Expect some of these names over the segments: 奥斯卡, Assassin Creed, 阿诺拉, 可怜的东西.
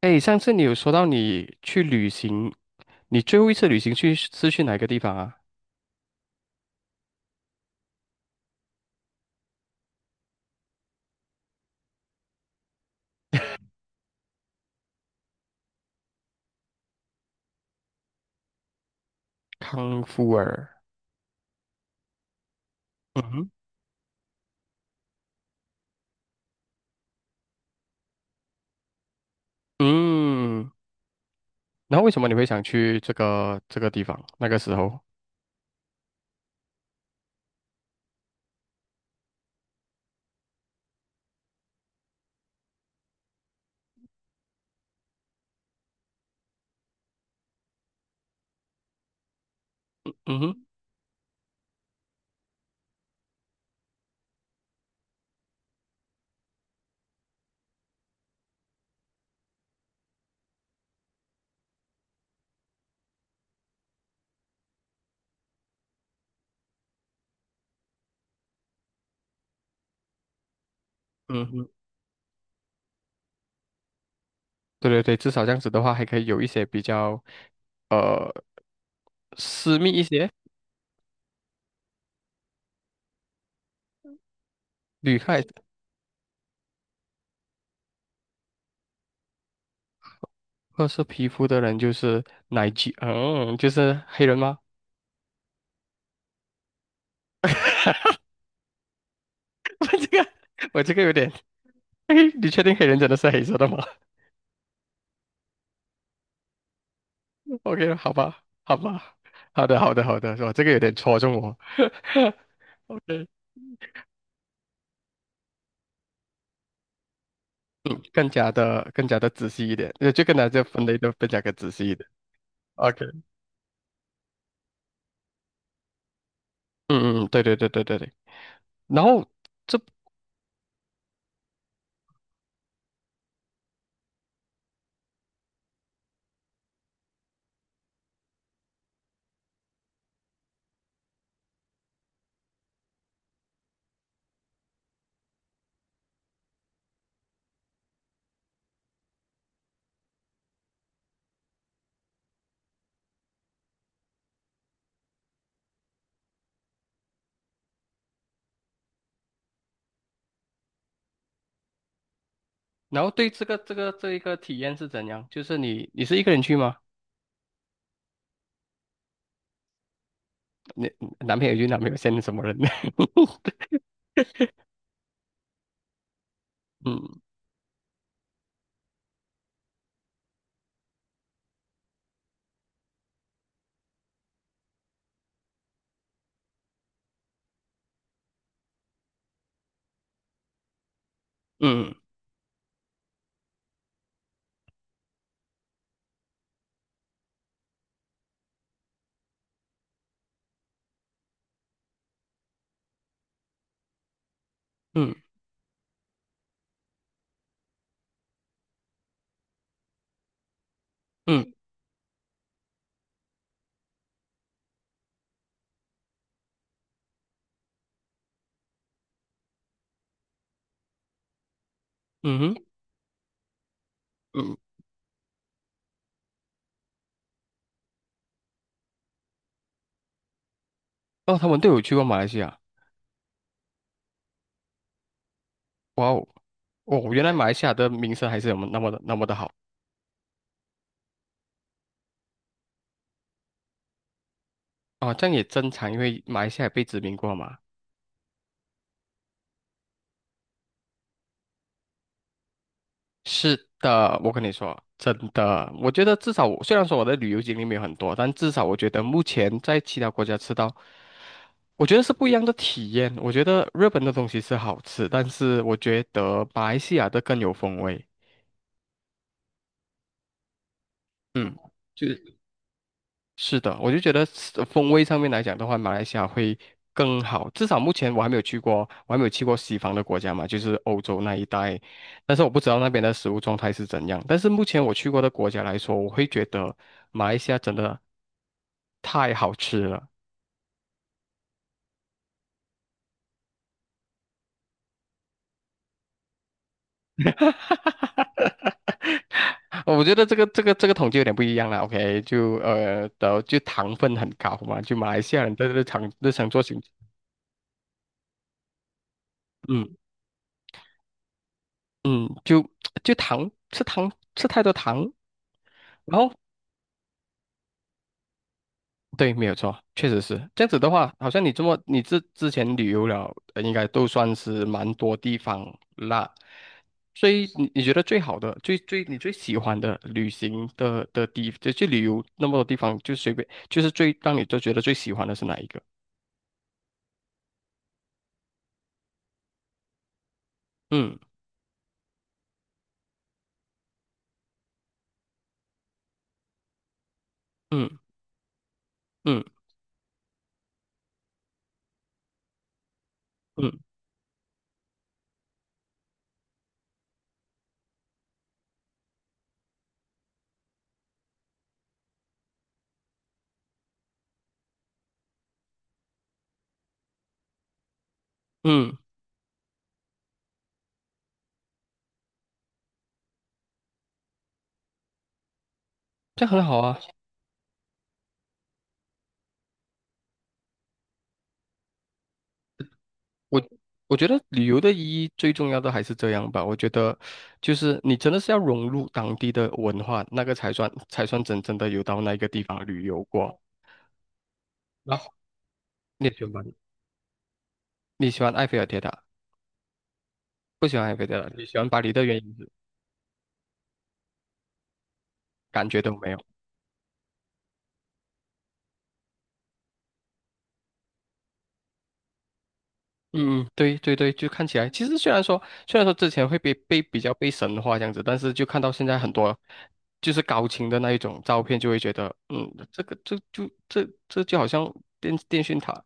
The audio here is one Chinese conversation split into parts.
哎，上次你有说到你去旅行，你最后一次旅行去是去哪个地方啊？康夫尔。嗯哼。嗯。然后为什么你会想去这个地方？那个时候。嗯哼。嗯哼。对对对，至少这样子的话，还可以有一些比较呃私密一些。女孩。褐色皮肤的人就是奶居，嗯，就是黑人吗？我这个我这个有点。嘿，你确定黑人真的是黑色的吗？OK，好吧，好吧。好的，好的，好的，是吧？这个有点戳中我。OK。嗯，更加的仔细一点，就更加就分类的更加的仔细一点。OK。嗯嗯。嗯对对对对对对。然后这，对这一个体验是怎样？就是你是一个人去吗？你男朋友去，男朋友现在什么人？呢？嗯嗯嗯嗯嗯哼嗯。哦，他们都有去过马来西亚。哇哦。哦，原来马来西亚的名声还是有那么的好。哦，这样也正常，因为马来西亚也被殖民过嘛。是的，我跟你说，真的。我觉得至少我虽然说我的旅游经历没有很多，但至少我觉得目前在其他国家吃到，我觉得是不一样的体验。我觉得日本的东西是好吃，但是我觉得马来西亚的更有风味。嗯，就。是的。我就觉得是风味上面来讲的话，马来西亚会更好。至少目前我还没有去过，我还没有去过西方的国家嘛，就是欧洲那一带。但是我不知道那边的食物状态是怎样。但是目前我去过的国家来说，我会觉得马来西亚真的太好吃了。我觉得这个统计有点不一样了。OK，就的就糖分很高嘛，就马来西亚人的日常做息。嗯嗯。就糖吃太多糖。然后。对，没有错，确实是这样子的话，好像你这么你之前旅游了，应该都算是蛮多地方啦。所以你觉得最好的、你最喜欢的旅行的地，就去旅游那么多地方，就随便就是最让你都觉得最喜欢的是哪一个？嗯嗯嗯嗯嗯。这样很好啊。我我觉得旅游的意义最重要的还是这样吧。我觉得，就是你真的是要融入当地的文化，那个才算真正的有到那个地方旅游过。然后你喜欢巴黎，你喜欢埃菲尔铁塔，不喜欢埃菲尔铁塔，你喜欢巴黎的原因是感觉都没有。嗯嗯。对对对，就看起来，其实虽然说之前会被比较被神化这样子，但是就看到现在很多就是高清的那一种照片，就会觉得，嗯，这就好像电讯塔，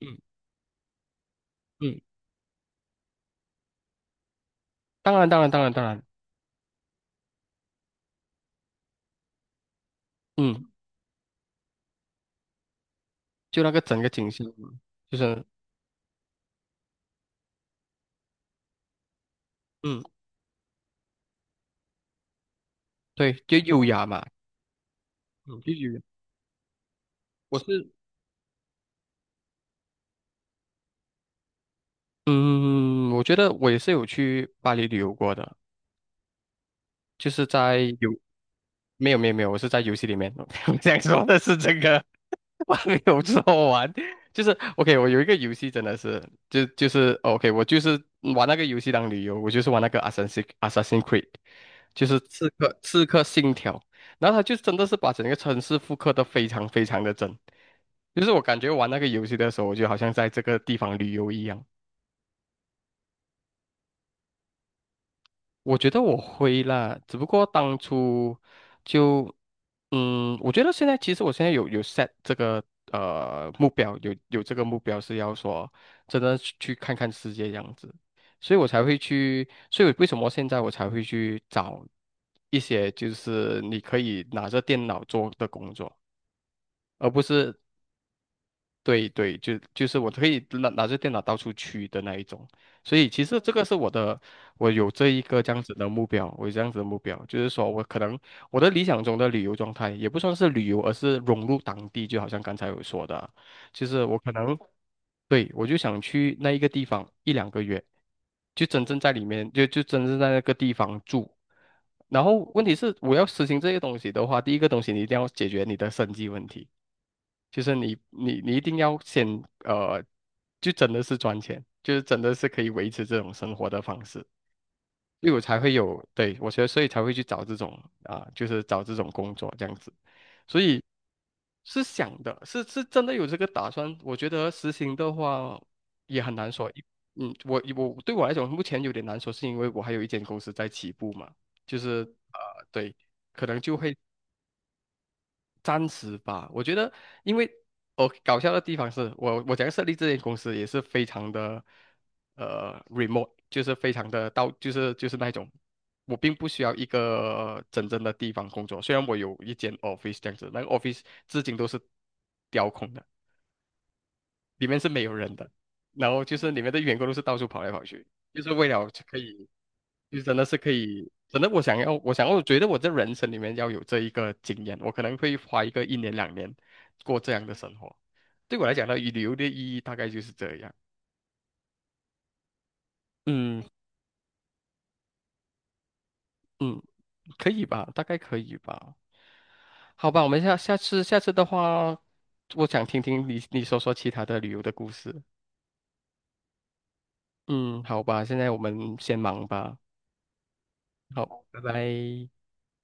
嗯。嗯。当然，当然，当然，当然。嗯，就那个整个景象嘛，就是，嗯，对，就优雅嘛，嗯，就优雅。我是，嗯，我觉得我也是有去巴黎旅游过的，就是在游。没有没有没有，我是在游戏里面，我样说的是这个，我还没有说完，就是 OK，我有一个游戏真的是。就是哦 OK，我就是玩那个游戏当旅游，我就是玩那个 Assassin Creed，就是刺客信条，然后他就真的是把整个城市复刻的非常非常的真，就是我感觉玩那个游戏的时候，我就好像在这个地方旅游一样。我觉得我会啦，只不过当初就，嗯，我觉得现在其实我现在有 set 这个目标，有这个目标是要说真的去看看世界这样子，所以我才会去，所以为什么现在我才会去找一些就是你可以拿着电脑做的工作，而不是。对对，就是我可以拿着电脑到处去的那一种。所以其实这个是我的，我有这一个这样子的目标，我有这样子的目标，就是说我可能我的理想中的旅游状态也不算是旅游，而是融入当地，就好像刚才有说的，就是我可能，对，我就想去那一个地方一两个月，就真正在里面，就真正在那个地方住。然后问题是，我要实行这些东西的话，第一个东西你一定要解决你的生计问题，就是你一定要先呃，就真的是赚钱，就是真的是可以维持这种生活的方式。因为我才会有，对，我觉得所以才会去找这种啊、就是找这种工作这样子，所以是想的，是真的有这个打算。我觉得实行的话也很难说。嗯，我对我来讲目前有点难说，是因为我还有一间公司在起步嘛，就是呃，对，可能就会暂时吧，我觉得。因为我搞笑的地方是我要设立这间公司也是非常的remote，就是非常的就是那种，我并不需要一个真正的地方工作，虽然我有一间 office 这样子，那个 office 至今都是雕空的，里面是没有人的，然后就是里面的员工都是到处跑来跑去，就是为了可以。就真的是可以，真的我想要，我觉得我这人生里面要有这一个经验，我可能会花一个一年两年过这样的生活。对我来讲呢，旅游的意义大概就是这样。嗯嗯。可以吧？大概可以吧？好吧，我们下次的话，我想听听你说说其他的旅游的故事。嗯，好吧，现在我们先忙吧。好，拜拜。